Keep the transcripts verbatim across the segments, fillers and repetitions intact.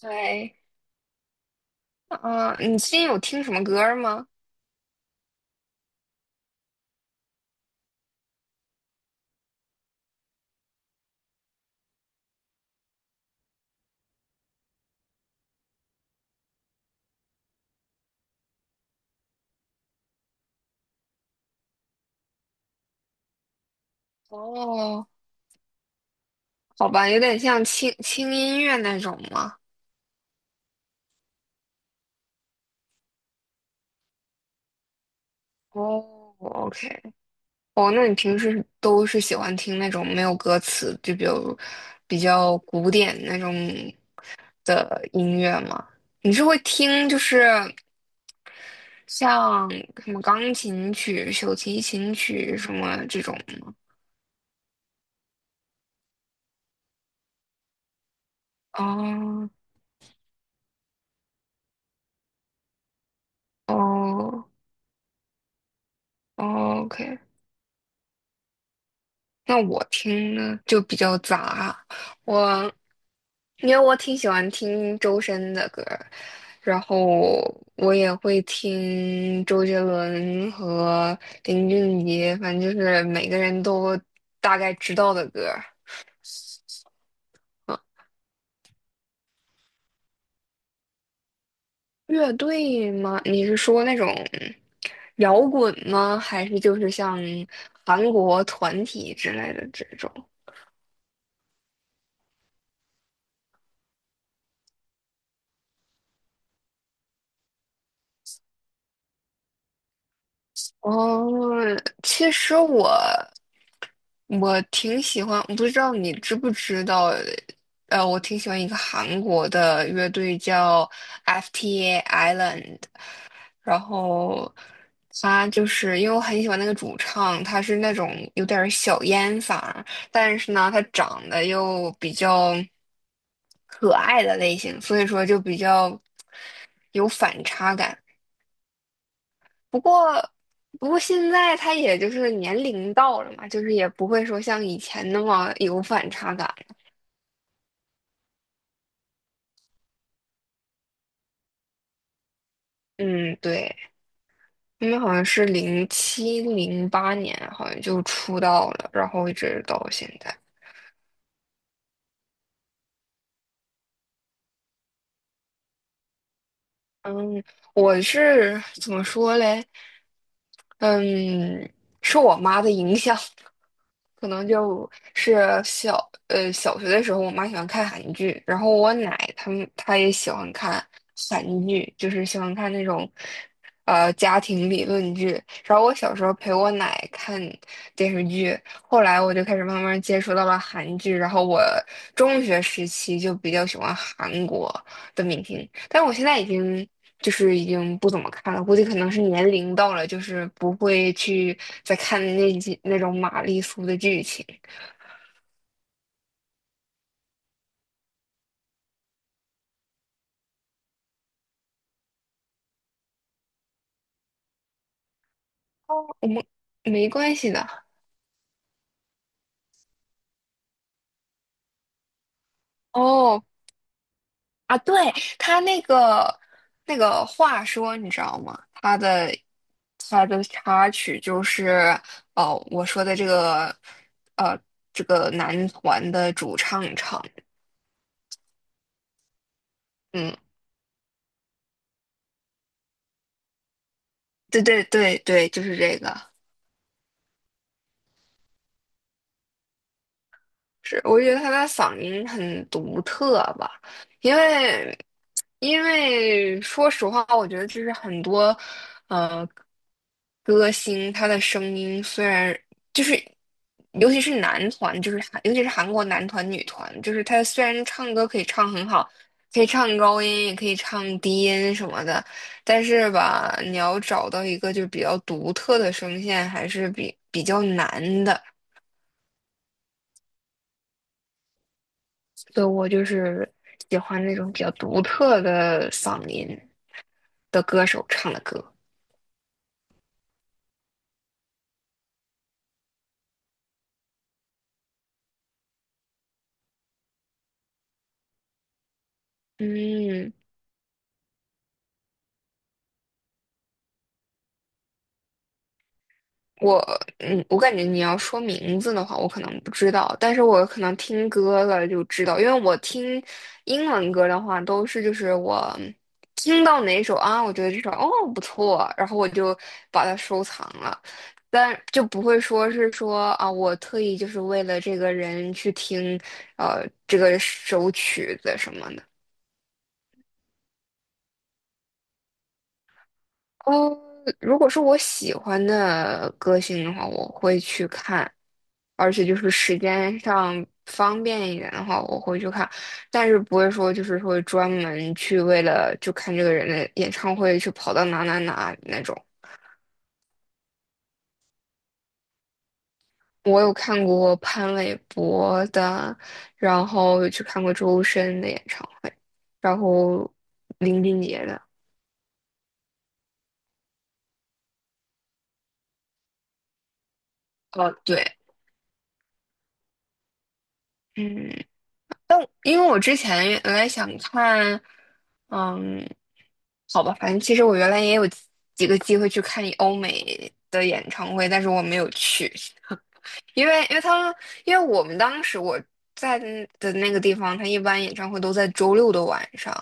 对，嗯、你最近有听什么歌儿吗？哦，好吧，有点像轻轻音乐那种吗？哦，OK，哦，那你平时都是喜欢听那种没有歌词，就比如比较古典那种的音乐吗？你是会听就是像什么钢琴曲、小提琴曲什么这种吗？哦，哦哦，OK。那我听呢就比较杂，我因为我挺喜欢听周深的歌儿，然后我也会听周杰伦和林俊杰，反正就是每个人都大概知道的歌儿。啊，乐队吗？你是说那种摇滚吗？还是就是像韩国团体之类的这种？哦，其实我。我挺喜欢，我不知道你知不知道，呃，我挺喜欢一个韩国的乐队叫 F T A Island，然后他就是因为我很喜欢那个主唱，他是那种有点儿小烟嗓儿，但是呢，他长得又比较可爱的类型，所以说就比较有反差感。不过，不过现在他也就是年龄到了嘛，就是也不会说像以前那么有反差感。嗯，对，因为好像是零七零八年，好像就出道了，然后一直到现在。我是怎么说嘞？嗯，受我妈的影响，可能就是小呃小学的时候，我妈喜欢看韩剧，然后我奶他们她也喜欢看韩剧，就是喜欢看那种呃家庭理论剧。然后我小时候陪我奶看电视剧，后来我就开始慢慢接触到了韩剧，然后我中学时期就比较喜欢韩国的明星，但我现在已经就是已经不怎么看了，估计可能是年龄到了，就是不会去再看那几那种玛丽苏的剧情。哦，我们没关系的。哦啊，对，他那个那个话说，你知道吗？他的他的插曲就是哦，我说的这个呃这个男团的主唱唱，嗯，对对对对，就是这个。是，我觉得他的嗓音很独特吧，因为因为说实话，我觉得就是很多呃歌星他的声音虽然就是，尤其是男团，就是韩尤其是韩国男团、女团，就是他虽然唱歌可以唱很好，可以唱高音，也可以唱低音什么的，但是吧，你要找到一个就比较独特的声线，还是比比较难的。所以我就是喜欢那种比较独特的嗓音的歌手唱的歌。嗯，我嗯，我感觉你要说名字的话，我可能不知道，但是我可能听歌了就知道，因为我听英文歌的话，都是就是我听到哪首啊，我觉得这首哦不错，然后我就把它收藏了，但就不会说是说啊，我特意就是为了这个人去听呃这个首曲子什么的。哦，如果是我喜欢的歌星的话，我会去看，而且就是时间上方便一点的话，我会去看，但是不会说就是说专门去为了就看这个人的演唱会去跑到哪哪哪那种。我有看过潘玮柏的，然后有去看过周深的演唱会，然后林俊杰的。哦，对，嗯。因为我之前原来想看，嗯，好吧，反正其实我原来也有几个机会去看欧美的演唱会，但是我没有去，因为因为他们因为我们当时我在的那个地方，他一般演唱会都在周六的晚上，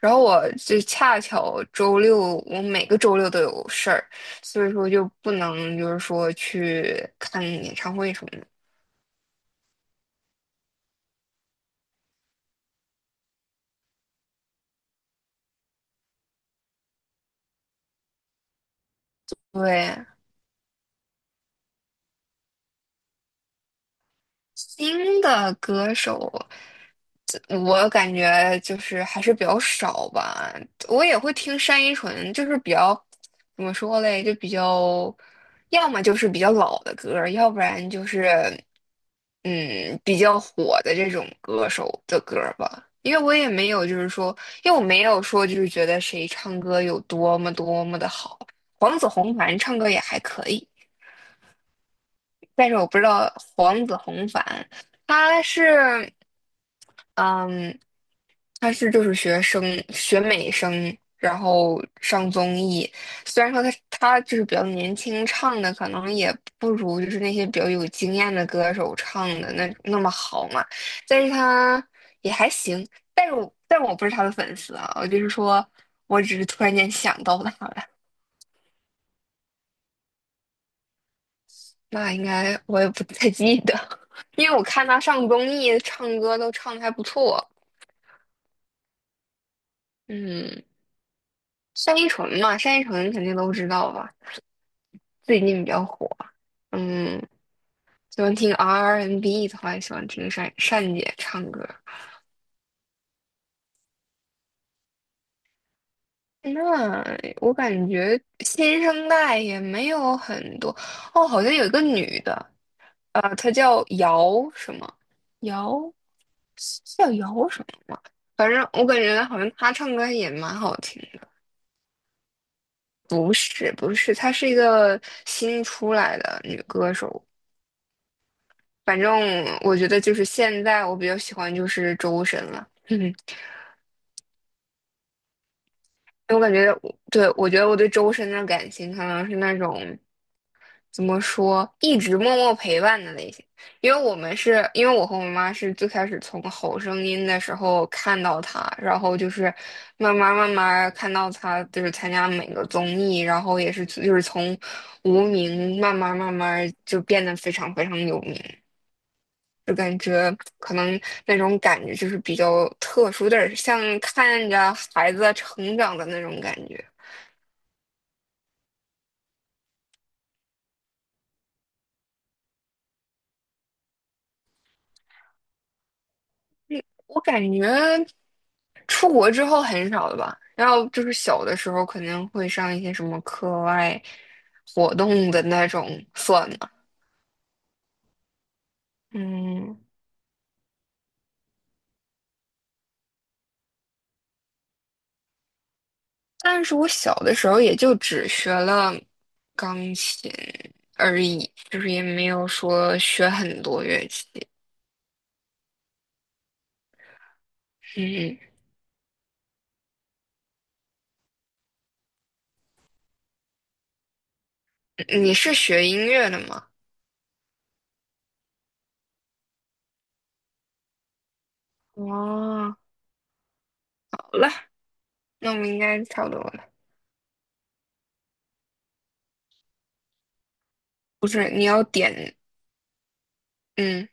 然后我就恰巧周六我每个周六都有事儿，所以说就不能就是说去看演唱会什么的。对，新的歌手。我感觉就是还是比较少吧，我也会听单依纯，就是比较怎么说嘞，就比较，要么就是比较老的歌儿要不然就是嗯比较火的这种歌手的歌儿吧。因为我也没有就是说，因为我没有说就是觉得谁唱歌有多么多么的好，黄子弘凡唱歌也还可以，但是我不知道黄子弘凡他是。嗯，他是就是学生学美声，然后上综艺。虽然说他他就是比较年轻，唱的可能也不如就是那些比较有经验的歌手唱的那那么好嘛，但是他也还行。但是我但我不是他的粉丝啊，我就是说我只是突然间想到他了。那应该我也不太记得，因为我看他上综艺唱歌都唱的还不错。嗯，单依纯嘛，单依纯肯定都知道吧。最近比较火，嗯，喜欢听 R and B N 的话，也喜欢听单单姐唱歌。那我感觉新生代也没有很多哦，好像有一个女的，呃，她叫姚什么？姚叫姚什么吗？反正我感觉好像她唱歌也蛮好听的。不是不是，她是一个新出来的女歌手。反正我觉得就是现在我比较喜欢就是周深了。我感觉我，对，我觉得我对周深的感情可能是那种怎么说，一直默默陪伴的类型。因为我们是，因为我和我妈是最开始从《好声音》的时候看到他，然后就是慢慢慢慢看到他，就是参加每个综艺，然后也是就是从无名慢慢慢慢就变得非常非常有名，就感觉可能那种感觉就是比较特殊，有点儿像看着孩子成长的那种感觉。我感觉出国之后很少了吧，然后就是小的时候肯定会上一些什么课外活动的那种算了，嗯，但是我小的时候也就只学了钢琴而已，就是也没有说学很多乐器。嗯，你是学音乐的吗？哦，好了，那我们应该差不多了。不是，你要点，嗯。